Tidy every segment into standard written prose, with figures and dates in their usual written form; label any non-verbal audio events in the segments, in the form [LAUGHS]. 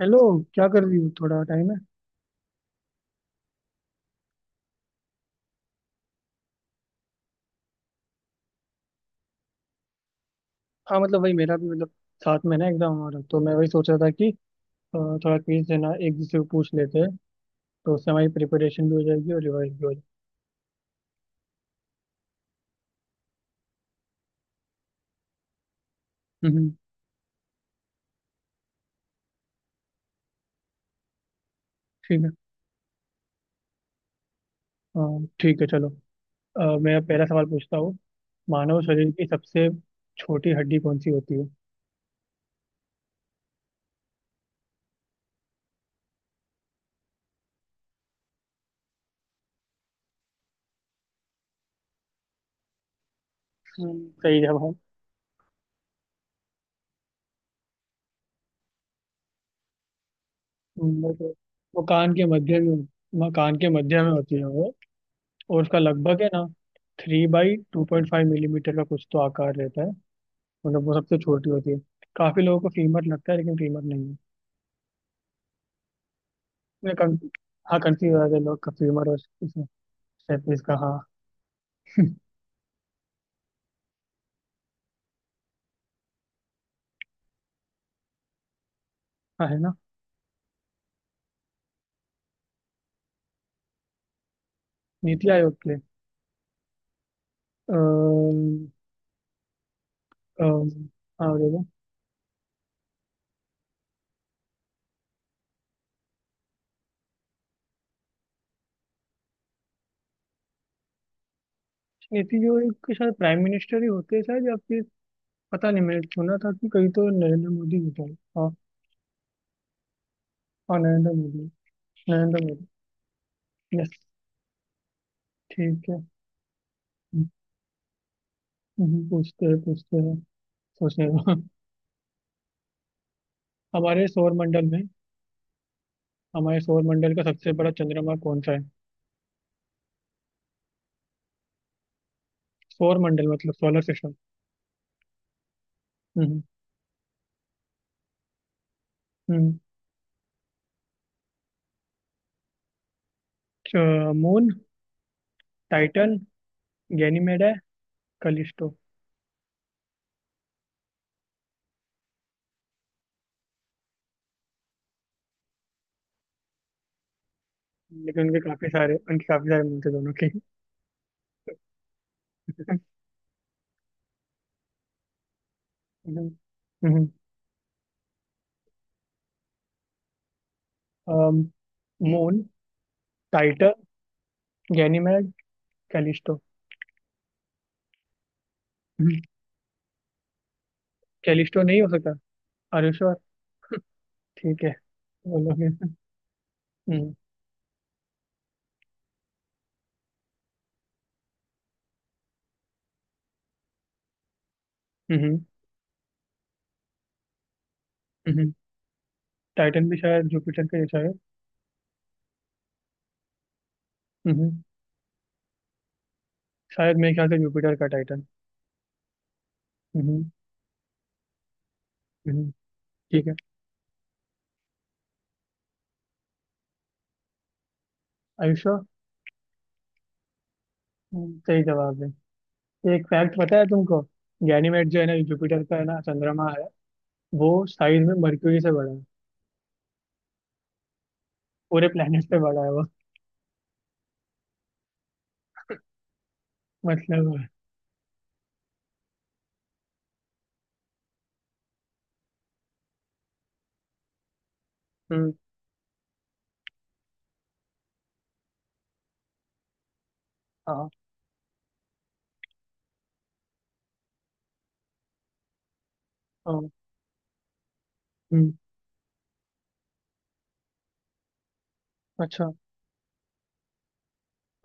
Hello. क्या कर रही हो? थोड़ा टाइम है? हाँ, मतलब वही, मेरा भी मतलब साथ में ना एग्जाम हो रहा, तो मैं वही सोच रहा था कि अ, थोड़ा क्विज से ना एक दूसरे को पूछ लेते हैं, तो उससे हमारी प्रिपरेशन भी हो जाएगी और रिवाइज भी हो जाएगी। ठीक है। ठीक है, चलो। मैं पहला सवाल पूछता हूँ। मानव शरीर की सबसे छोटी हड्डी कौन सी होती है? सही जवाब। हम्म, वो तो- वो कान के मध्य में होती है वो। और उसका लगभग है ना, 3x2.5 मिलीमीटर का कुछ तो आकार रहता है। मतलब वो सबसे छोटी होती है। काफी लोगों को फीमर लगता है, लेकिन फीमर नहीं है। मैं कं, हाँ, कंफ्यूज आ गए लोग फीमर और इसमें सैपीज का, हाँ। हाँ, है ना। नीति आयोग के? अम्म, अम्म, हाँ, देखो। नीति, जो एक शायद प्राइम मिनिस्टर ही होते हैं शायद, या फिर पता नहीं, मैंने सुना था कि कहीं तो नरेंद्र मोदी होता है, हाँ। हाँ, नरेंद्र मोदी। नरेंद्र मोदी। यस। ठीक है। हम्म, पूछते हैं, पूछते हैं। सोचने दो। [LAUGHS] हमारे सौर मंडल में हमारे सौर मंडल का सबसे बड़ा चंद्रमा कौन सा है? सौर मंडल मतलब सोलर सिस्टम। हम्म। हम्म। मून, टाइटन, गैनीमेड है, कलिस्टो। लेकिन उनके काफी सारे मिलते दोनों के। हम्म, हम्म, अम, मून, टाइटन, गैनीमेड, कैलिस्टो। हम्म, कैलिस्टो नहीं हो सकता। अरे श्योर। ठीक है, बोलो फिर। हम्म, हम्म, हम्म, टाइटन भी शायद जुपिटर का जैसा है। हम्म, शायद मेरे ख्याल से जुपिटर का टाइटन। हम्म, हम्म, ठीक है। आयुष्या सही जवाब है। एक फैक्ट पता है तुमको? गैनीमेड जो है ना जुपिटर का है ना चंद्रमा है। वो साइज में मरक्यूरी से बड़ा है। पूरे प्लेनेट से बड़ा है वो। मतलब, हम्म, हाँ हाँ, हम्म, अच्छा।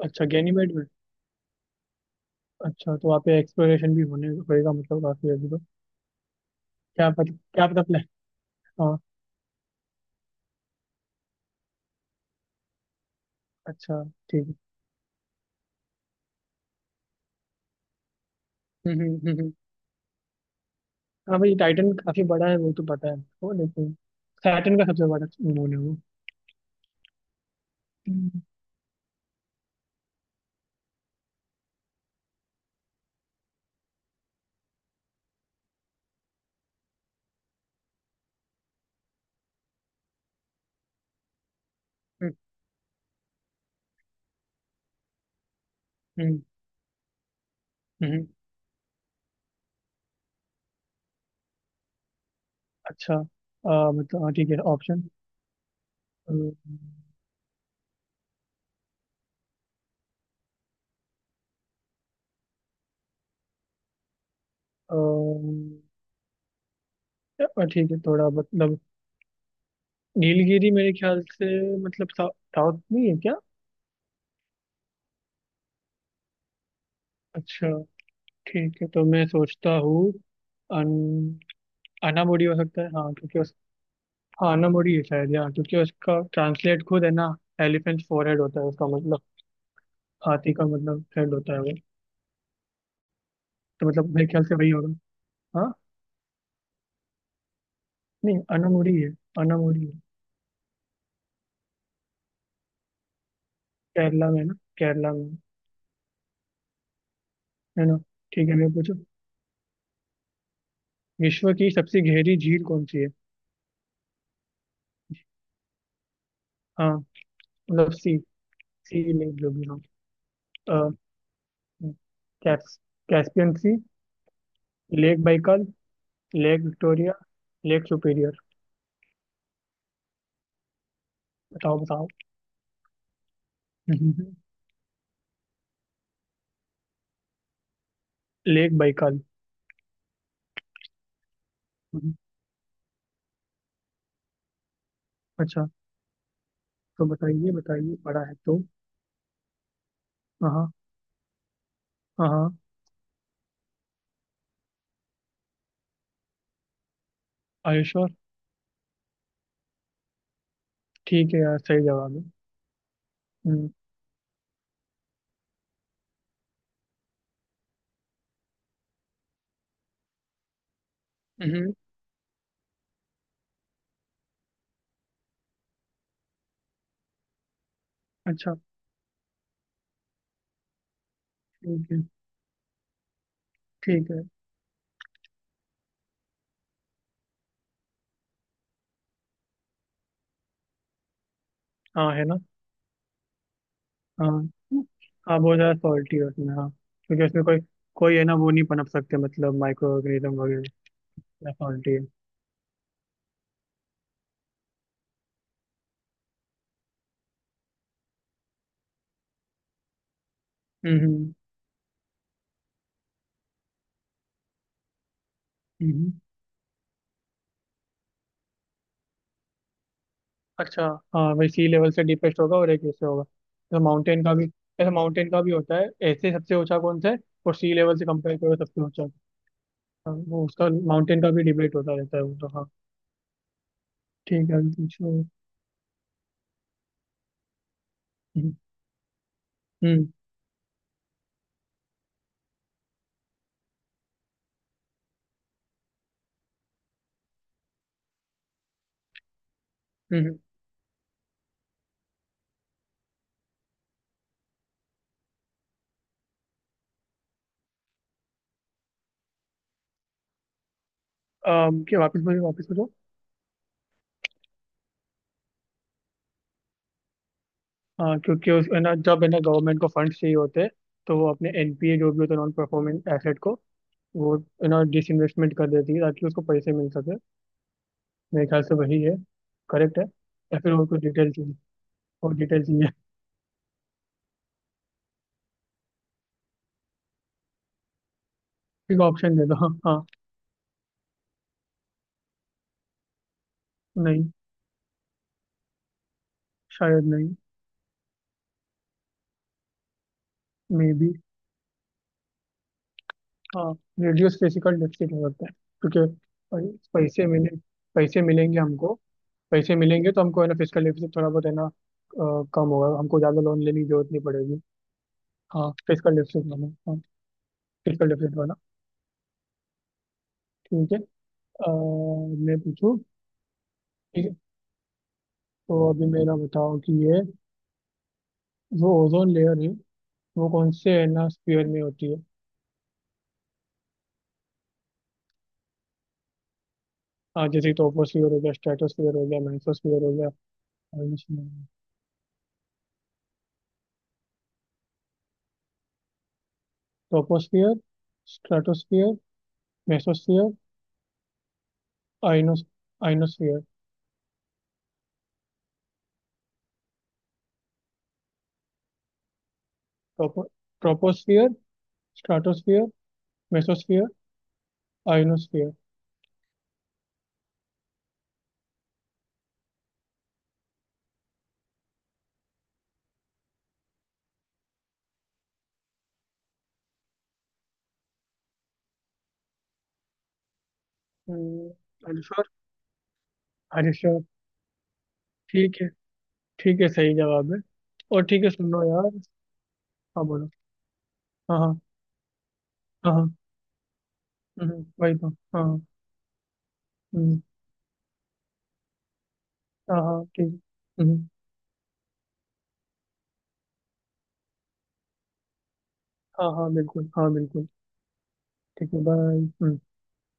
अच्छा, गैनीमेड में। अच्छा, तो वहाँ पे एक्सप्लोरेशन भी होने होएगा, मतलब काफी अभी तो। क्या पता, क्या पता प्लान। हाँ, अच्छा, ठीक है। हम्म, हम्म, हाँ भाई, टाइटन काफी बड़ा है वो तो, पता है। वो लेकिन सैटर्न का सबसे बड़ा मून है वो। हम्म, हम्म, हम्म, हम्म। अच्छा। मतलब हाँ, ठीक है, ऑप्शन। अ, ठीक है, थोड़ा मतलब नीलगिरी मेरे ख्याल से। मतलब साउथ नहीं है क्या? अच्छा, ठीक है, तो मैं सोचता हूँ। अन, अनामोड़ी हो सकता है हाँ, क्योंकि उस, हाँ, अनामोड़ी है शायद यहाँ, क्योंकि उसका ट्रांसलेट खुद है ना एलिफेंट फोरहेड होता है, उसका मतलब हाथी का मतलब हेड होता है वो। तो मतलब मेरे ख्याल से वही होगा। हाँ, नहीं अनामोड़ी है। अनामोड़ी है। केरला में है ना, केरला में। है ना। ठीक है, मैं पूछो। विश्व की सबसे गहरी झील कौन सी है? हाँ, मतलब सी। सी लेक जो भी हो। अ, कैस, Caspian sea, lake Baikal, lake Victoria, lake Superior. बताओ, बताओ। [LAUGHS] Lake Baikal. हम्म, अच्छा। तो बताइए, बताइए पढ़ा है तो। हाँ, हाँ, हाँ। Are you sure? ठीक है यार, सही जवाब है। हम्म, हम्म, अच्छा, ठीक है, ठीक है। हाँ, है ना। हाँ, हाँ, बहुत ज़्यादा सॉल्टी है उसमें, हाँ, क्योंकि उसमें कोई, कोई है ना वो नहीं पनप सकते, मतलब माइक्रो ऑर्गेनिज्म वगैरह। सॉल्टी है। हम्म, हम्म, अच्छा। हाँ वही, सी लेवल से डीपेस्ट होगा और एक ऐसे होगा। तो माउंटेन का भी होता है ऐसे, सबसे ऊंचा कौन सा है, और सी लेवल से कंपेयर करो सबसे ऊंचा। हाँ, वो उसका माउंटेन का भी डिबेट होता रहता है वो तो, हाँ। ठीक है, अभी पूछो। हम्म, हम्म, हम्म। क्या? वापस बोलो, वापस बोलो। हाँ, क्योंकि उस है ना, जब है ना गवर्नमेंट को फंड चाहिए होते हैं, तो वो अपने एनपीए जो भी होता है, नॉन परफॉर्मिंग एसेट को वो है ना डिसइन्वेस्टमेंट कर देती है, ताकि उसको पैसे मिल सके। मेरे ख्याल से वही है। करेक्ट है। या फिर और कुछ डिटेल चाहिए? और डिटेल चाहिए? ठीक, ऑप्शन दे दो, हाँ हाँ। नहीं, शायद नहीं। मे बी, हाँ, रेडियोस फिजिकल डेफिसिट हो सकता है। क्योंकि पै- पैसे मिले। पैसे मिलेंगे हमको। पैसे मिलेंगे तो हमको है ना फिजिकल डेफिसिट थोड़ा बहुत है ना कम होगा, हमको ज़्यादा लोन लेने की जरूरत नहीं पड़ेगी। हाँ, फिजिकल डेफिसिट वाला, हाँ। फिजिकल डेफिसिट वाला। ठीक है। अ, मैं पूछूँ? ठीक है, तो अभी मेरा बताओ कि ये जो ओजोन लेयर है, वो कौन से है ना स्पीयर में होती है? हाँ, जैसे टोपोस्फियर हो गया, स्ट्रेटोस्फियर हो गया, मेसोस्फियर हो गया। टोपोस्फियर, स्ट्राटोस्फियर, मेसोस्फियर, आइनोस आइनोस्फियर। टोपो ट्रोपोस्फियर, स्ट्राटोस्फियर, मेसोस्फियर, आइनोस्फियर। अल्फर, हरीश्वर। ठीक है। ठीक है, सही जवाब है। और ठीक है, सुनो यार। हाँ, बोलो। हाँ हाँ हाँ, हाँ, वही तो, हाँ। हम्म, हाँ हाँ, ठीक है, हम्म। हाँ हाँ बिल्कुल, हाँ बिल्कुल। ठीक है, बाय।